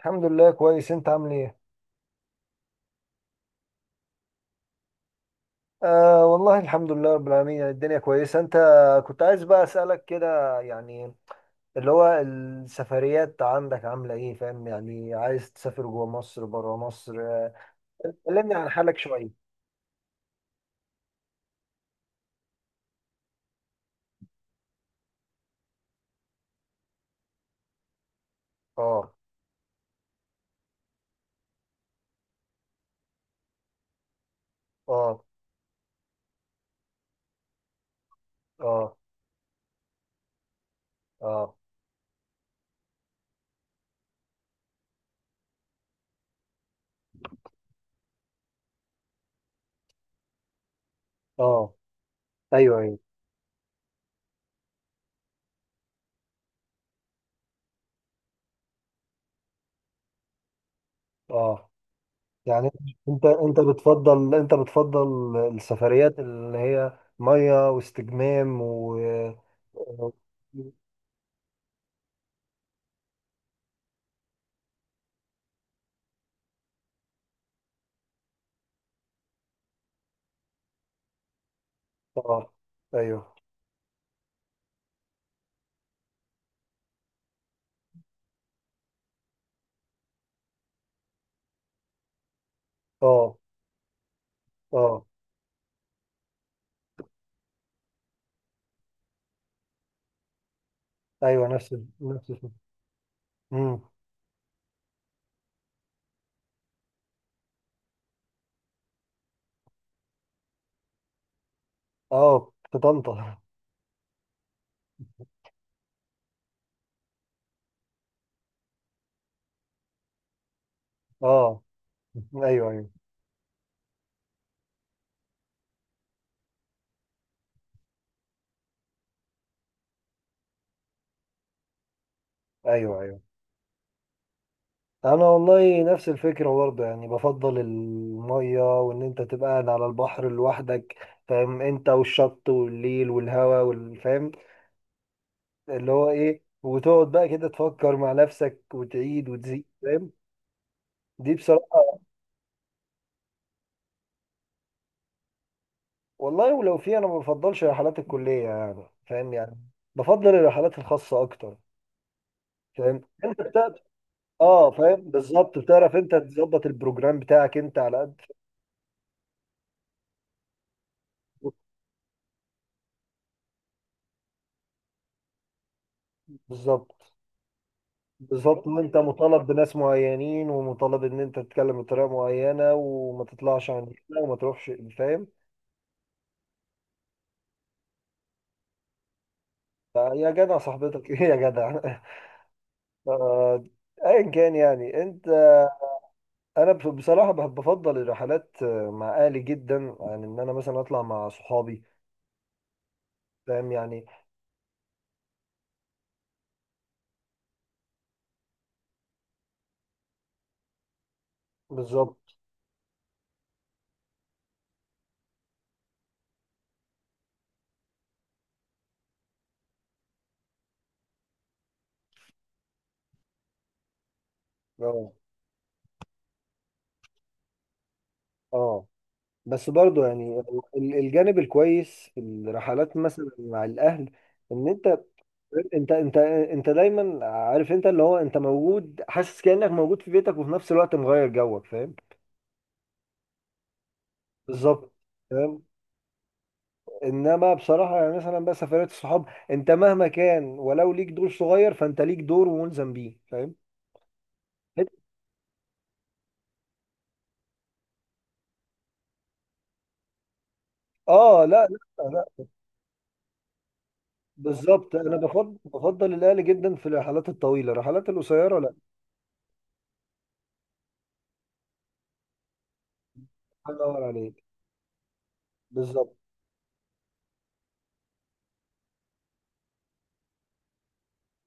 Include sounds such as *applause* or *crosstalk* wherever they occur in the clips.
الحمد لله، كويس. انت عامل ايه؟ آه والله الحمد لله رب العالمين، يعني الدنيا كويسة. انت كنت عايز بقى اسألك كده، يعني اللي هو السفريات عندك عاملة ايه؟ فاهم يعني، عايز تسافر جوه مصر بره مصر، كلمني عن حالك شوية. اه، اه، اه، اه، اه، ايوه، ايوه، اه، يعني انت بتفضل السفريات اللي هي مية واستجمام و... اه، ايوه، اه، اه، ايوه، نفس الفكرة. امم. اه، في طنطا. اه، ايوه، ايوه، ايوه، ايوه، انا والله نفس الفكره برضه، يعني بفضل الميه، وان انت تبقى قاعد على البحر لوحدك، فاهم؟ انت والشط والليل والهواء، والفاهم اللي هو ايه، وتقعد بقى كده تفكر مع نفسك وتعيد وتزيد، فاهم؟ دي بصراحه. والله ولو في، انا ما بفضلش رحلات الكليه، يعني فاهم يعني. بفضل الرحلات الخاصه اكتر، فاهم انت. اه فاهم، بالظبط. بتعرف انت تظبط البروجرام بتاعك انت على قد. بالظبط، بالظبط. وانت مطالب بناس معينين، ومطالب ان انت تتكلم بطريقه معينه، وما تطلعش عن كده، وما تروحش، فاهم؟ يا جدع صاحبتك، *laughs* ايه يا جدع. آه، ايا كان يعني انت. انا بفضل الرحلات، مع اهلي جدا عن ان انا مثلا اطلع مع صحابي، فاهم يعني. بالظبط، اه، اه. بس برضو يعني، الجانب الكويس في الرحلات مثلا مع الاهل، ان انت دايما عارف، انت اللي هو انت موجود، حاسس كانك موجود في بيتك، وفي نفس الوقت مغير جوك، فاهم؟ بالظبط، فاهم. انما بصراحه يعني مثلا بقى سفرات الصحاب، انت مهما كان ولو ليك دور صغير، فانت ليك دور وملزم بيه، فاهم؟ اه، لا، لا، لا. بالظبط، انا بفضل الاهل جدا في الرحلات الطويله. الرحلات القصيره لا. الله ينور عليك. بالظبط،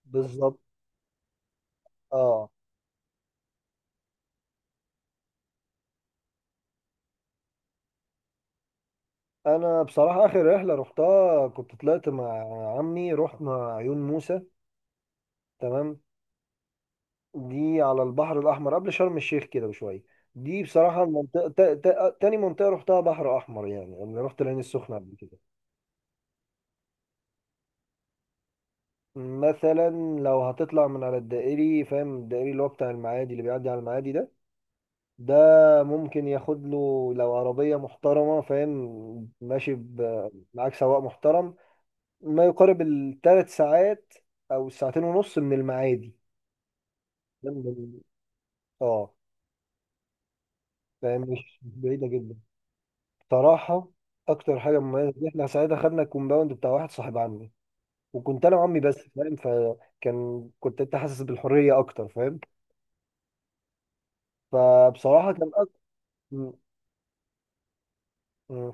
بالظبط. اه، انا بصراحه اخر رحله رحتها كنت طلعت مع عمي، رحنا عيون موسى، تمام. دي على البحر الاحمر قبل شرم الشيخ كده بشويه. دي بصراحه المنطقه تاني منطقه رحتها بحر احمر، يعني انا رحت العين السخنه قبل كده. مثلا لو هتطلع من على الدائري، فاهم؟ الدائري اللي هو بتاع المعادي، اللي بيعدي على المعادي ده، ده ممكن ياخد له، لو عربيه محترمه، فاهم، ماشي، معاك سواق محترم، ما يقارب الثلاث ساعات، او ساعتين ونص من المعادي. جنب اه، فاهم. مش بعيده جدا بصراحه. اكتر حاجه مميزه، دي احنا ساعتها خدنا الكومباوند بتاع واحد صاحب عمي، وكنت انا وعمي بس، فاهم؟ فكان، كنت انت حاسس بالحريه اكتر، فاهم؟ فبصراحه كان م- م-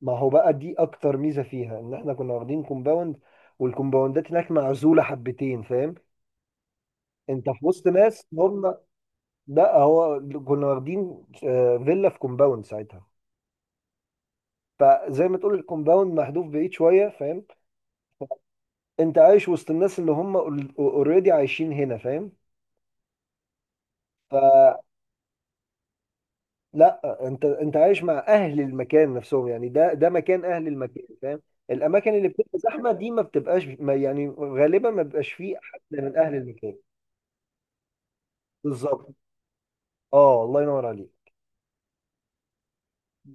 ما هو بقى، دي اكتر ميزه فيها ان احنا كنا واخدين كومباوند، والكومباوندات هناك معزوله حبتين، فاهم؟ انت في وسط ناس هم. لا، هو كنا واخدين فيلا في كومباوند ساعتها. فزي ما تقول الكومباوند محذوف بعيد شويه، فاهم؟ انت عايش وسط الناس اللي هم اوريدي عايشين هنا، فاهم؟ فلا، انت عايش مع اهل المكان نفسهم، يعني ده مكان اهل المكان، فاهم؟ الاماكن اللي بتبقى زحمه دي ما بتبقاش، ما يعني غالبا ما بيبقاش فيه حد من اهل المكان. بالظبط، اه، الله ينور عليك.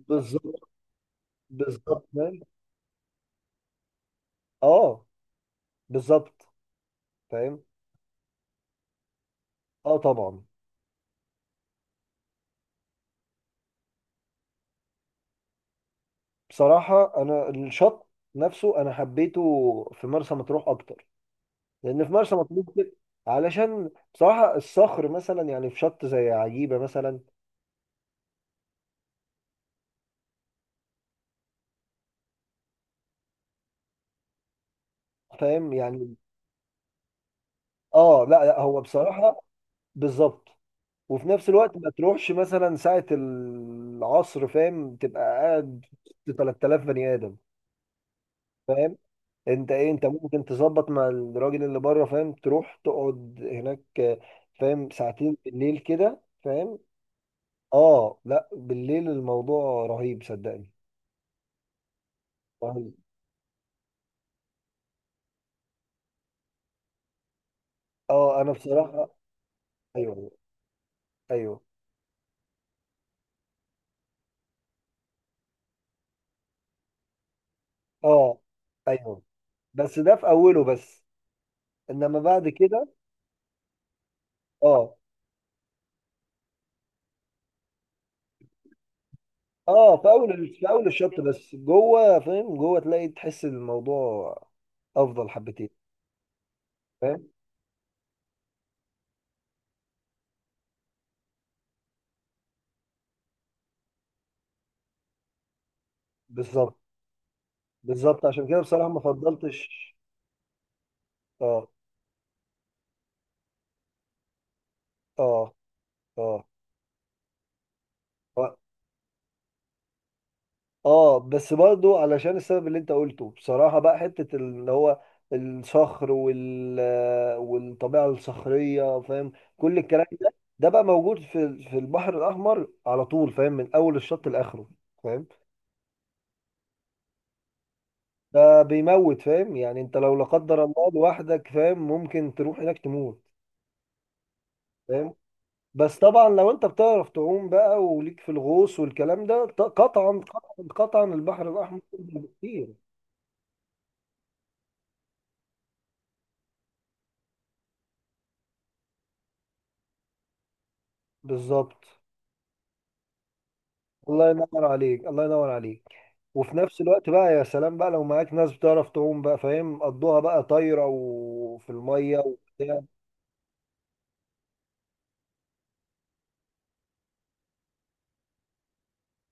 بالظبط، بالظبط فاهم. اه، بالظبط فاهم. اه طبعا. بصراحة أنا الشط نفسه أنا حبيته في مرسى مطروح أكتر، لأن في مرسى مطروح كده- علشان بصراحة الصخر مثلا، يعني في شط زي عجيبة مثلا، فاهم يعني. لا، لا، هو بصراحة. بالظبط، وفي نفس الوقت ما تروحش مثلا ساعة العصر، فاهم؟ تبقى قاعد وسط 3000 بني آدم، فاهم؟ أنت إيه، أنت ممكن تظبط مع الراجل اللي بره، فاهم، تروح تقعد هناك، فاهم، ساعتين بالليل كده، فاهم؟ اه لا، بالليل الموضوع رهيب، صدقني. رهيب، اه، انا بصراحة. ايوه، ايوه، اه، ايوه. بس ده في اوله بس، انما بعد كده. اه، اه، في اول الشط بس، جوه فاهم، جوه تلاقي تحس الموضوع افضل حبتين، فاهم؟ بالظبط، بالظبط. عشان كده بصراحة ما فضلتش. اه، اه، اه، آه. اه، بس برضو علشان السبب اللي انت قلته بصراحة، بقى حتة اللي هو الصخر وال... والطبيعة الصخرية، فاهم؟ كل الكلام ده، ده بقى موجود في البحر الأحمر على طول، فاهم، من أول الشط لآخره، فاهم. ده بيموت، فاهم يعني، انت لو لا قدر الله لوحدك، فاهم، ممكن تروح هناك تموت، فاهم؟ بس طبعا لو انت بتعرف تعوم بقى، وليك في الغوص والكلام ده، قطعا، قطعا، قطعا البحر الأحمر أفضل بكتير. بالظبط، الله ينور عليك، الله ينور عليك. وفي نفس الوقت بقى، يا سلام بقى لو معاك ناس بتعرف تعوم بقى، فاهم، قضوها بقى طايرة، وفي المية وبتاع.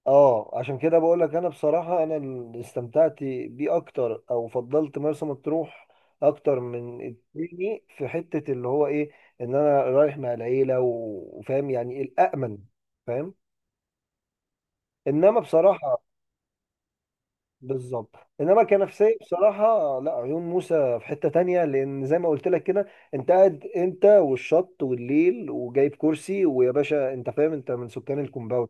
اه، عشان كده بقول لك، انا بصراحة انا اللي استمتعت بيه اكتر، او فضلت مرسى مطروح اكتر من التاني، في حتة اللي هو ايه، ان انا رايح مع العيلة وفاهم، يعني الامن، فاهم؟ انما بصراحة. بالظبط. انما كنفسيه بصراحه لا، عيون موسى في حته تانية، لان زي ما قلت لك كده، انت قاعد انت والشط والليل، وجايب كرسي، ويا باشا انت فاهم، انت من سكان الكومباوند.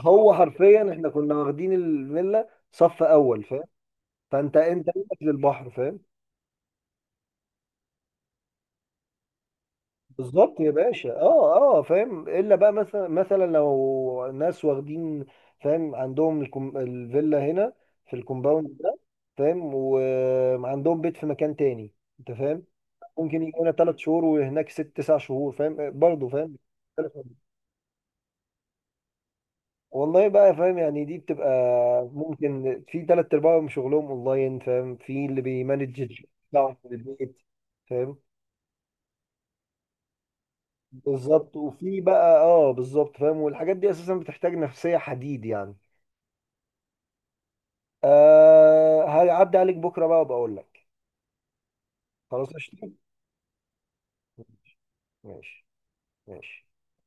هو حرفيا احنا كنا واخدين الفيلا صف اول، فاهم؟ فانت، انت منك للبحر، فاهم؟ بالظبط يا باشا. اه، اه، فاهم الا بقى، مثلا لو ناس واخدين، فاهم، عندهم الفيلا هنا في الكومباوند ده، فاهم، وعندهم بيت في مكان تاني، انت فاهم؟ ممكن يجي هنا 3 شهور، وهناك 6 9 شهور، فاهم برضه؟ فاهم. والله بقى، فاهم يعني دي بتبقى، ممكن في ثلاث ارباعهم شغلهم اونلاين، فاهم، في اللي بيمانج الشغل بتاعهم في البيت، فاهم. بالظبط، وفي بقى اه بالظبط فاهم. والحاجات دي اساسا بتحتاج نفسية حديد يعني. آه، هعدي عليك بكره بقى، وبقول لك. خلاص، قشطة؟ ماشي، ماشي، ماشي.